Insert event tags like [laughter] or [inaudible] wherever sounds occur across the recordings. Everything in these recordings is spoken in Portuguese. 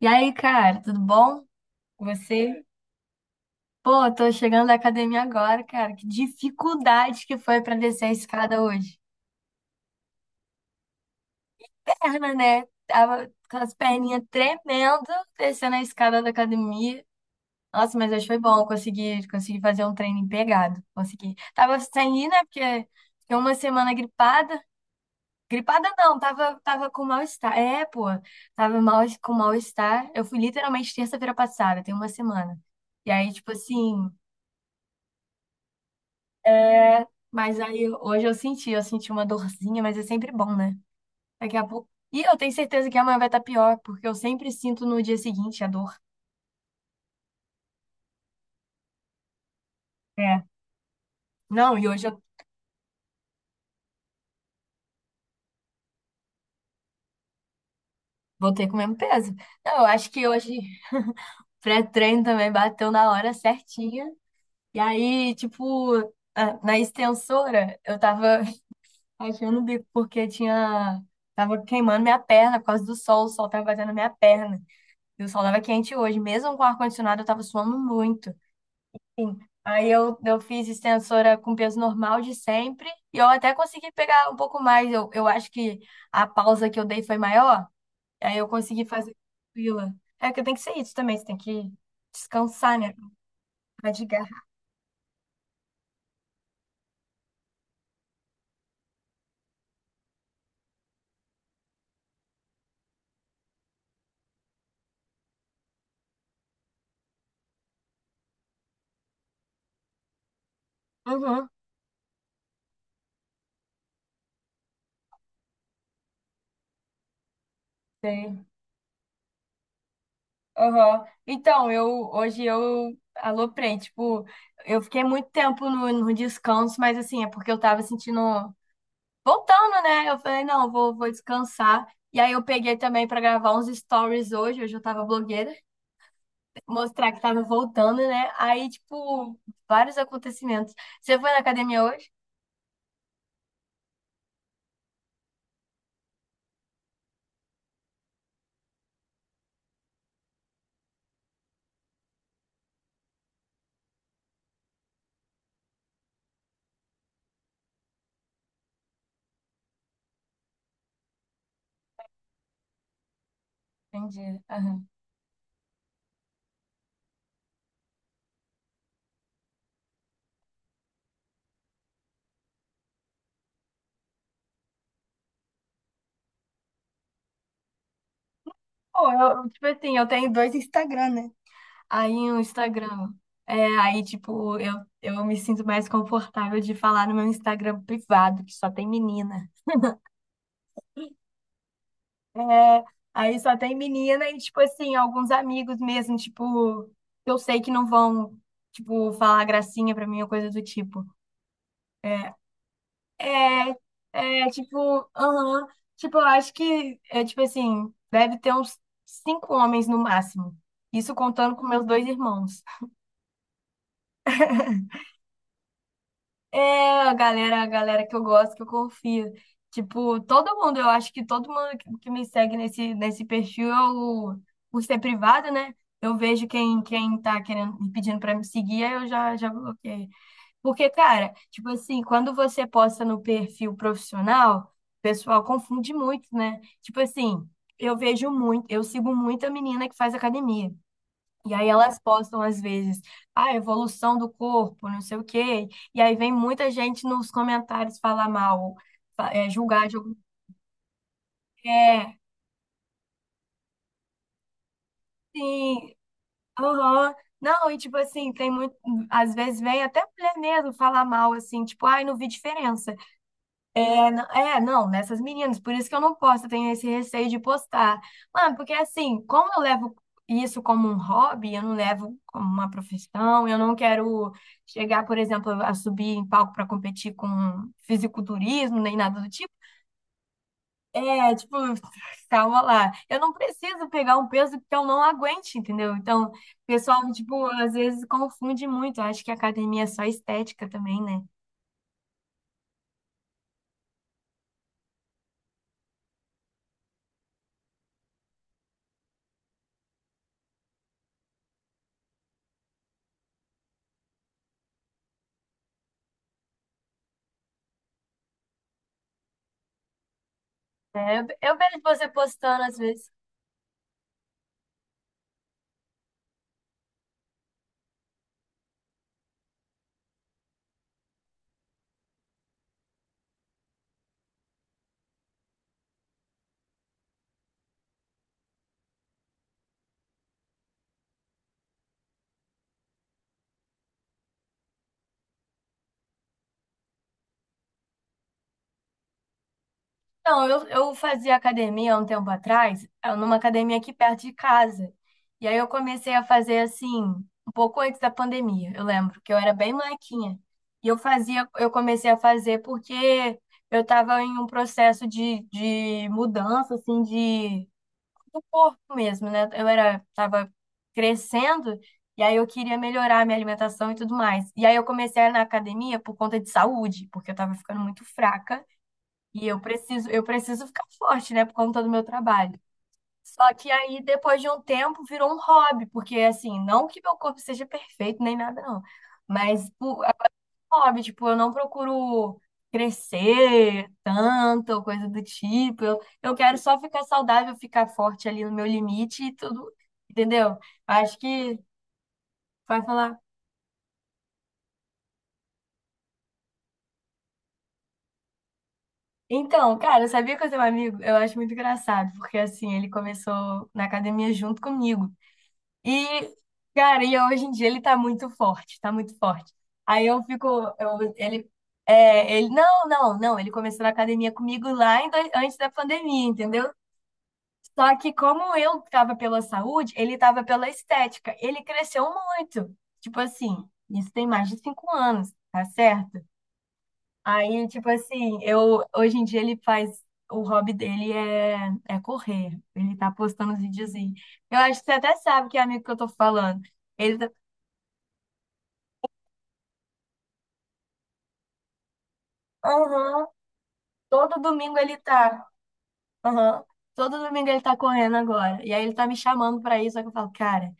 E aí, cara, tudo bom? Você? Pô, tô chegando da academia agora, cara. Que dificuldade que foi pra descer a escada hoje. Perna, né? Tava com as perninhas tremendo descendo a escada da academia. Nossa, mas hoje foi bom. Consegui fazer um treino pegado. Consegui. Tava sem ir, né? Porque fiquei uma semana gripada. Gripada não, tava com mal-estar. É, pô, tava mal, com mal-estar. Eu fui literalmente terça-feira passada, tem uma semana. E aí, tipo assim. É, mas aí hoje eu senti uma dorzinha, mas é sempre bom, né? Daqui a pouco. E eu tenho certeza que amanhã vai estar pior, porque eu sempre sinto no dia seguinte a dor. É. Não, e hoje eu voltei com o mesmo peso. Não, eu acho que hoje [laughs] pré-treino também bateu na hora certinha. E aí, tipo, na extensora, eu tava [laughs] achando o bico porque tinha. Tava queimando minha perna por causa do sol, o sol tava batendo na minha perna. E o sol tava quente hoje. Mesmo com o ar-condicionado, eu tava suando muito. Aí eu fiz extensora com peso normal de sempre e eu até consegui pegar um pouco mais. Eu acho que a pausa que eu dei foi maior, aí eu consegui fazer tranquila. É que tem que ser isso também, você tem que descansar, né? Radigar. Uhum, sei. Uhum. Então, eu hoje eu aloprei, tipo, eu fiquei muito tempo no descanso, mas assim, é porque eu tava sentindo voltando, né? Eu falei, não, vou descansar. E aí eu peguei também pra gravar uns stories hoje, hoje eu tava blogueira. Mostrar que tava voltando, né? Aí, tipo, vários acontecimentos. Você foi na academia hoje? Entendi. Aham. Pô, eu, tipo assim, eu tenho dois Instagram, né? Aí o Instagram. É, aí, tipo, eu me sinto mais confortável de falar no meu Instagram privado, que só tem menina. É, aí só tem menina e, tipo assim, alguns amigos mesmo, tipo, que eu sei que não vão, tipo, falar gracinha pra mim ou coisa do tipo. É, é, é, tipo, aham. Tipo, eu acho que, é, tipo assim, deve ter uns cinco homens no máximo. Isso contando com meus dois irmãos. É, a galera que eu gosto, que eu confio. Tipo, todo mundo, eu acho que todo mundo que me segue nesse perfil, eu, por ser privado, né? Eu vejo quem, quem tá querendo, me pedindo pra me seguir, aí eu já bloqueio. Porque, cara, tipo assim, quando você posta no perfil profissional, o pessoal confunde muito, né? Tipo assim, eu vejo muito, eu sigo muita menina que faz academia. E aí elas postam às vezes, ah, evolução do corpo, não sei o quê. E aí vem muita gente nos comentários falar mal, é, julgar de algum. É, sim, aham. Não, e tipo assim, tem muito. Às vezes vem até mulher mesmo falar mal, assim, tipo, ai, não vi diferença. É, não, nessas meninas, por isso que eu não posto, eu tenho esse receio de postar. Mano, porque assim, como eu levo isso como um hobby, eu não levo como uma profissão, eu não quero chegar, por exemplo, a subir em palco para competir com fisiculturismo, nem nada do tipo. É, tipo, [laughs] calma lá. Eu não preciso pegar um peso que eu não aguente, entendeu? Então, o pessoal, tipo, às vezes confunde muito. Eu acho que academia é só estética também, né? É, eu vejo você postando às vezes. Não, eu fazia academia há um tempo atrás, numa academia aqui perto de casa. E aí eu comecei a fazer assim, um pouco antes da pandemia, eu lembro, que eu era bem molequinha. E eu fazia, eu comecei a fazer porque eu estava em um processo de mudança, assim, de, do corpo mesmo, né? Eu era, tava crescendo, e aí eu queria melhorar a minha alimentação e tudo mais. E aí eu comecei a ir na academia por conta de saúde, porque eu estava ficando muito fraca. E eu preciso ficar forte, né, por conta do meu trabalho. Só que aí, depois de um tempo, virou um hobby, porque assim, não que meu corpo seja perfeito nem nada, não. Mas o- é um hobby, tipo, eu não procuro crescer tanto, ou coisa do tipo. Eu quero só ficar saudável, ficar forte ali no meu limite e tudo, entendeu? Acho que vai falar. Então, cara, eu sabia que eu tenho um amigo, eu acho muito engraçado, porque assim, ele começou na academia junto comigo. E, cara, e hoje em dia ele tá muito forte, tá muito forte. Aí eu fico, ele, é, ele, não, não, não, ele começou na academia comigo lá antes da pandemia, entendeu? Só que como eu tava pela saúde, ele tava pela estética. Ele cresceu muito, tipo assim, isso tem mais de 5 anos, tá certo? Aí, tipo assim, eu, hoje em dia ele faz, o hobby dele é, é correr. Ele tá postando os videozinhos. Eu acho que você até sabe que é amigo que eu tô falando. Ele, tá aham. Todo domingo ele tá. Aham. Todo domingo ele tá correndo agora. E aí ele tá me chamando pra isso. Só que eu falo, cara,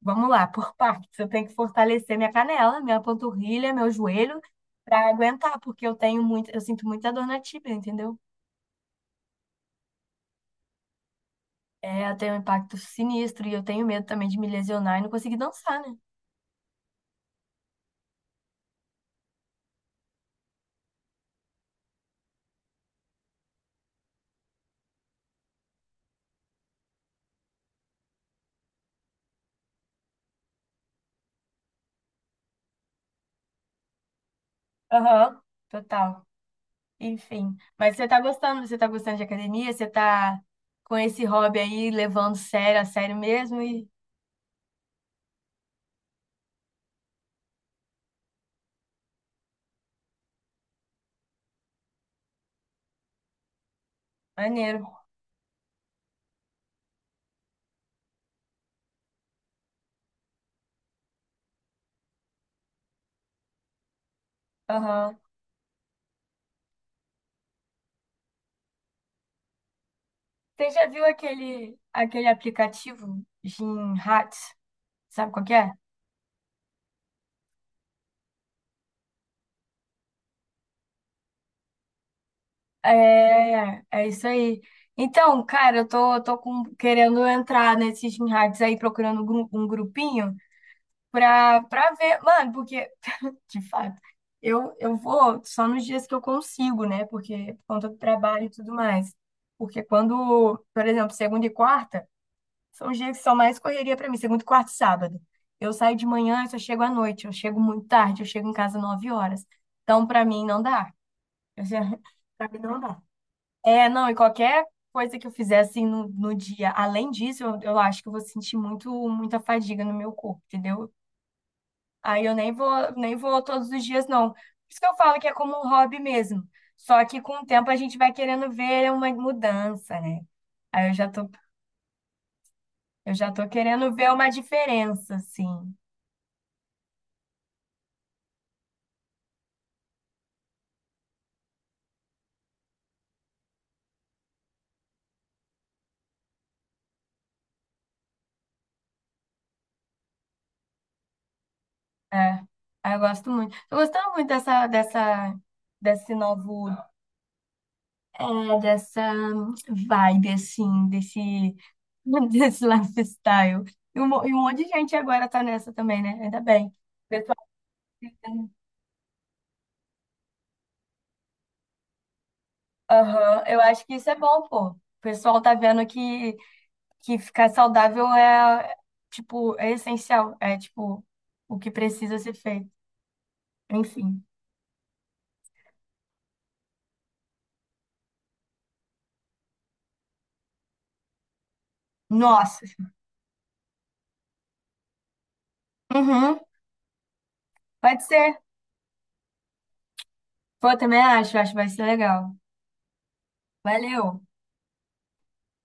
vamos lá, por partes. Eu tenho que fortalecer minha canela, minha panturrilha, meu joelho pra aguentar, porque eu tenho muito, eu sinto muita dor na tíbia, entendeu? É, eu tenho um impacto sinistro e eu tenho medo também de me lesionar e não conseguir dançar, né? Aham, total. Enfim. Mas você tá gostando? Você tá gostando de academia? Você tá com esse hobby aí levando sério a sério mesmo e maneiro. Aham. Você já viu aquele, aquele aplicativo Gymhats? Sabe qual que é? É, é isso aí. Então, cara, eu tô querendo entrar nesses Gymhats aí, procurando um grupinho pra ver. Mano, porque, de fato, eu vou só nos dias que eu consigo, né? Porque por conta do trabalho e tudo mais. Porque quando, por exemplo, segunda e quarta. São os dias que são mais correria para mim, segunda, quarta e sábado. Eu saio de manhã, eu só chego à noite, eu chego muito tarde, eu chego em casa 9 horas. Então, para mim, não dá. Eu já- [laughs] Pra mim, não dá. É, não, e qualquer coisa que eu fizer assim no, no dia, além disso, eu acho que eu vou sentir muito, muita fadiga no meu corpo, entendeu? Aí eu nem vou, nem vou todos os dias, não. Por isso que eu falo que é como um hobby mesmo. Só que com o tempo a gente vai querendo ver uma mudança, né? Aí eu já tô querendo ver uma diferença, assim. É, ah, eu gosto muito. Tô gostando muito desse novo, dessa vibe, assim, desse, [laughs] desse lifestyle. E um, e um monte de gente agora tá nessa também, né? Ainda bem. Pessoal, aham, eu acho que isso é bom, pô. O pessoal tá vendo que ficar saudável é, tipo, é essencial. É, tipo, o que precisa ser feito. Enfim. Nossa. Uhum, pode ser. Pô, eu também acho, acho que vai ser legal. Valeu!